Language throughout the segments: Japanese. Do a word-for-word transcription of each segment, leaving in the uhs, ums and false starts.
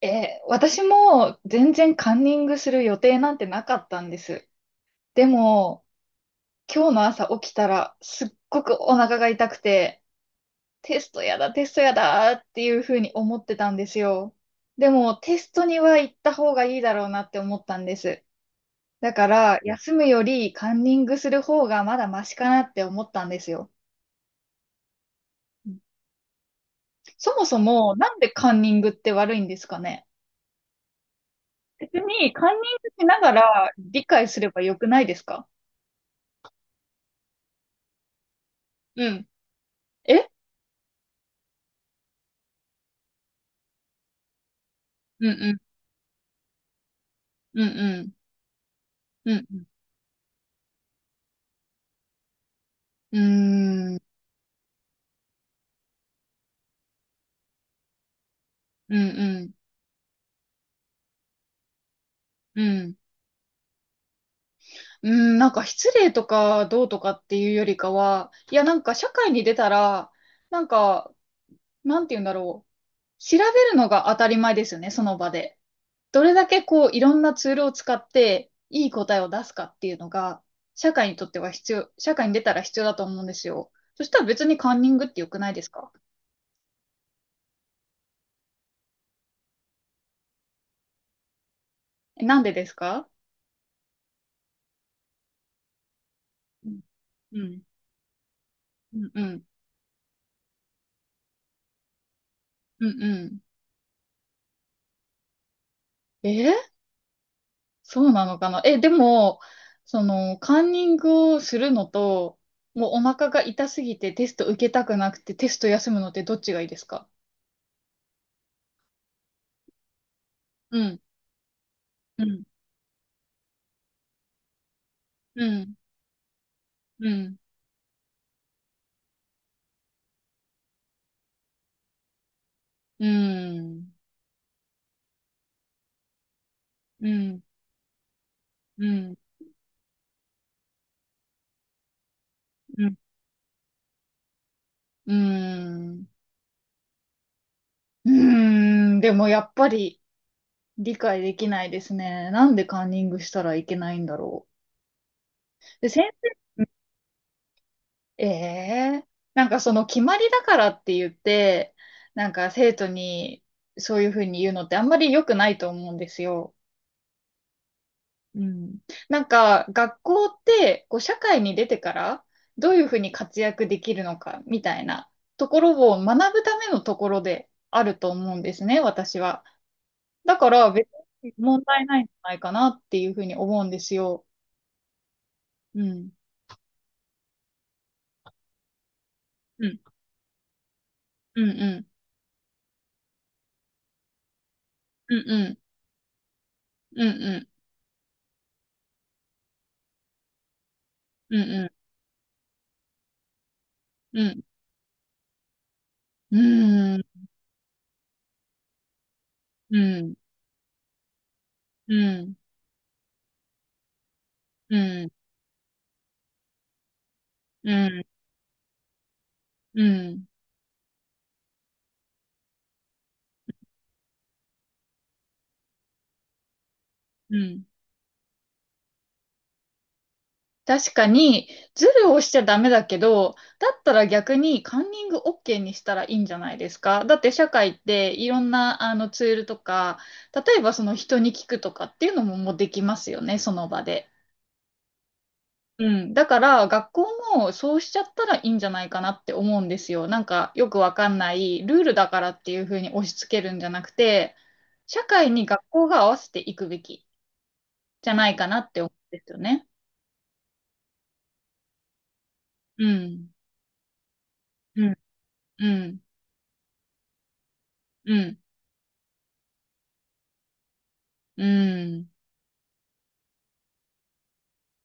えー私も全然カンニングする予定なんてなかったんです。でも、今日の朝起きたらすっごくお腹が痛くて、テストやだ、テストやだっていうふうに思ってたんですよ。でも、テストには行った方がいいだろうなって思ったんです。だから、休むよりカンニングする方がまだマシかなって思ったんですよ。うん。そもそも、なんでカンニングって悪いんですかね？別に、カンニングしながら理解すればよくないですか？うん。え。うん、うん、うん、うん、うん、うん、うん、うん、うん、うん。うん、なんか失礼とかどうとかっていうよりかは、いやなんか社会に出たら、なんか、なんて言うんだろう。調べるのが当たり前ですよね、その場で。どれだけこう、いろんなツールを使って、いい答えを出すかっていうのが、社会にとっては必要、社会に出たら必要だと思うんですよ。そしたら別にカンニングって良くないですか？え、なんでですか？うん、うん、うん、うん、うん。うん。えーそうなのかな。え、でも、その、カンニングをするのと、もうお腹が痛すぎてテスト受けたくなくてテスト休むのってどっちがいいですか？うん、うん、うん、うん、うん、うん、うん、うん、うん、うん、でもやっぱり理解できないですね。なんでカンニングしたらいけないんだろう。で、先。ええ。なんかその決まりだからって言って、なんか生徒にそういうふうに言うのってあんまり良くないと思うんですよ。うん。なんか学校ってこう社会に出てからどういうふうに活躍できるのかみたいなところを学ぶためのところであると思うんですね、私は。だから別に問題ないんじゃないかなっていうふうに思うんですよ。うん。うん。うん、うん。うん、うん。うん、うん。うん、うん。うん。うん。うん、うん、うん、うん、うん、うん。確かに、ズルをしちゃダメだけど、だったら逆にカンニング オーケー にしたらいいんじゃないですか？だって社会っていろんなあのツールとか、例えばその人に聞くとかっていうのももうできますよね、その場で。うん。だから学校もそうしちゃったらいいんじゃないかなって思うんですよ。なんかよくわかんないルールだからっていうふうに押し付けるんじゃなくて、社会に学校が合わせていくべき。じゃないかなって思うんですよね。うん。うん。うん。うん。うん。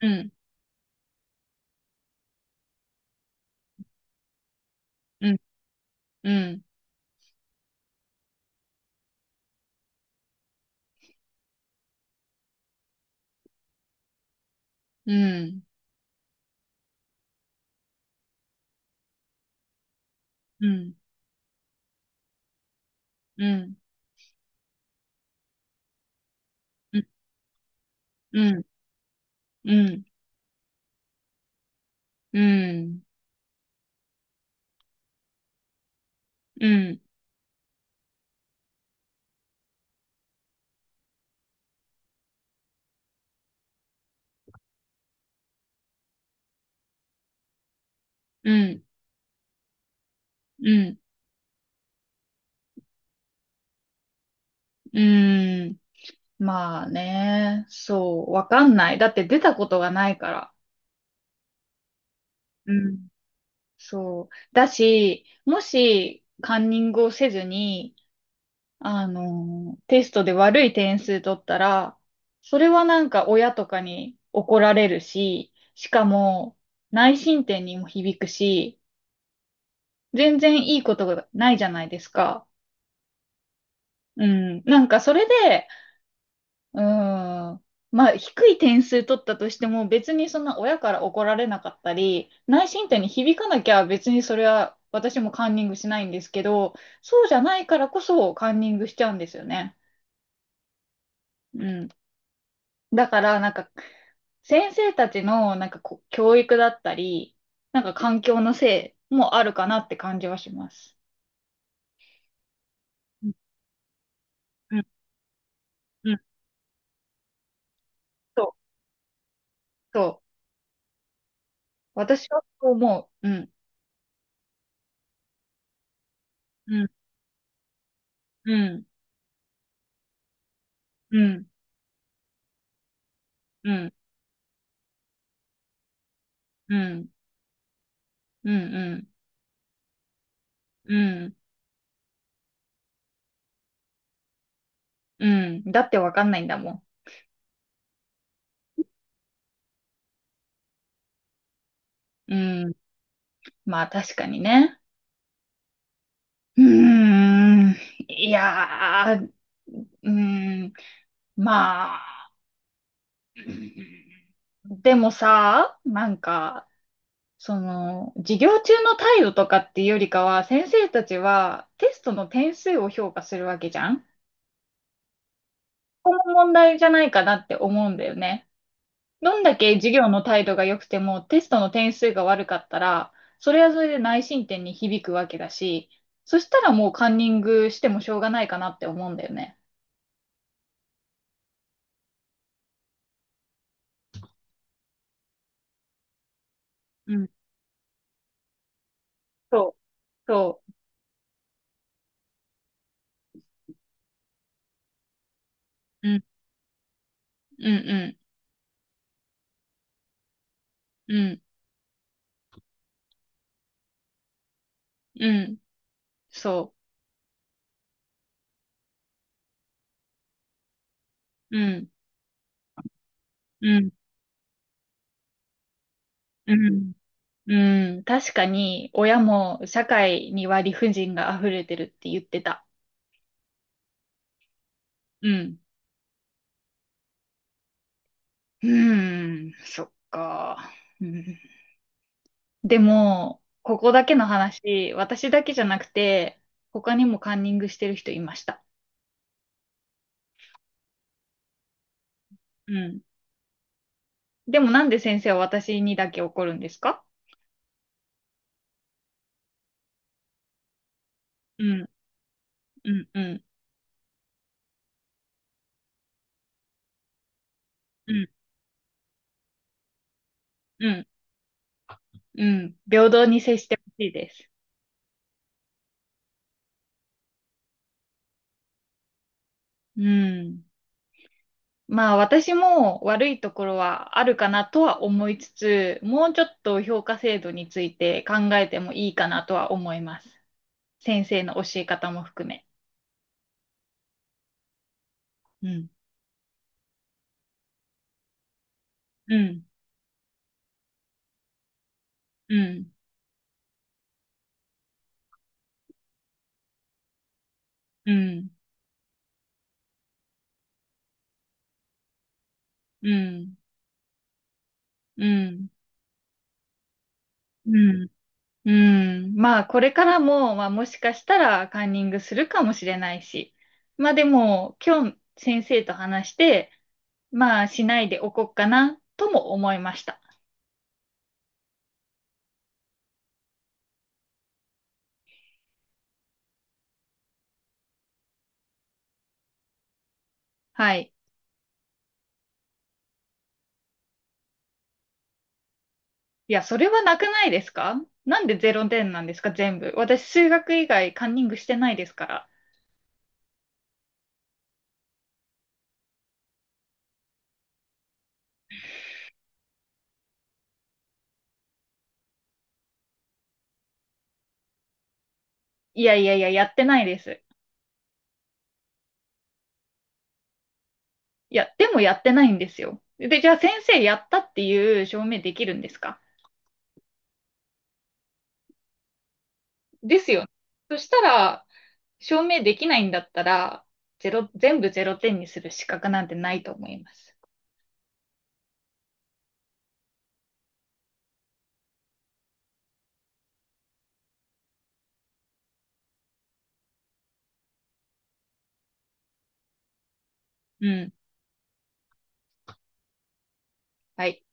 うん。うん。うん。うん。うん。うん。うん。うん。うん。うん。うん。うん。うん。まあね。そう。わかんない。だって出たことがないから。うん。そう。だし、もし、カンニングをせずに、あの、テストで悪い点数取ったら、それはなんか親とかに怒られるし、しかも内申点にも響くし、全然いいことがないじゃないですか。うん。なんかそれで、うん。まあ低い点数取ったとしても別にそんな親から怒られなかったり、内申点に響かなきゃ別にそれは私もカンニングしないんですけど、そうじゃないからこそカンニングしちゃうんですよね。うん。だから、なんか、先生たちの、なんかこう、教育だったり、なんか環境のせいもあるかなって感じはします。うん。うん。うん。そう、そう。私はそう思う。うん。うん。うん。うん。うん。うん。うん。うん。うん。だってわかんないんだもん。うん。まあ確かにね。うーん。いやー。うーん。まあ。うん。でもさ、なんか、その、授業中の態度とかっていうよりかは、先生たちはテストの点数を評価するわけじゃん。問題じゃないかなって思うんだよね。どんだけ授業の態度が良くてもテストの点数が悪かったら、それはそれで内申点に響くわけだし、そしたらもうカンニングしてもしょうがないかなって思うんだよね。うん、そう、そう、うん、うん、うん、うん、うん、そう、うん、うん、うん。うん、確かに、親も社会には理不尽が溢れてるって言ってた。うん。うん、そっか。うん、でも、ここだけの話、私だけじゃなくて、他にもカンニングしてる人いました。うん。でもなんで先生は私にだけ怒るんですか？うん、うん、うん、うん、うん、うん。平等に接してほしいです。うん。まあ私も悪いところはあるかなとは思いつつ、もうちょっと評価制度について考えてもいいかなとは思います。先生の教え方も含め。うん。うん。うん。うん。うん。うん。うん。うん。まあこれからも、まあもしかしたらカンニングするかもしれないし。まあでも今日先生と話して、まあしないでおこうかなとも思いました。はい。いや、それはなくないですか？なんでゼロ点なんですか全部？私、数学以外カンニングしてないですから。いやいやいや、やってないです。いや、でもやってないんですよ。で、じゃあ先生やったっていう証明できるんですか？ですよ。そしたら、証明できないんだったら、ゼロ、全部ゼロ点にする資格なんてないと思います。うん。はい。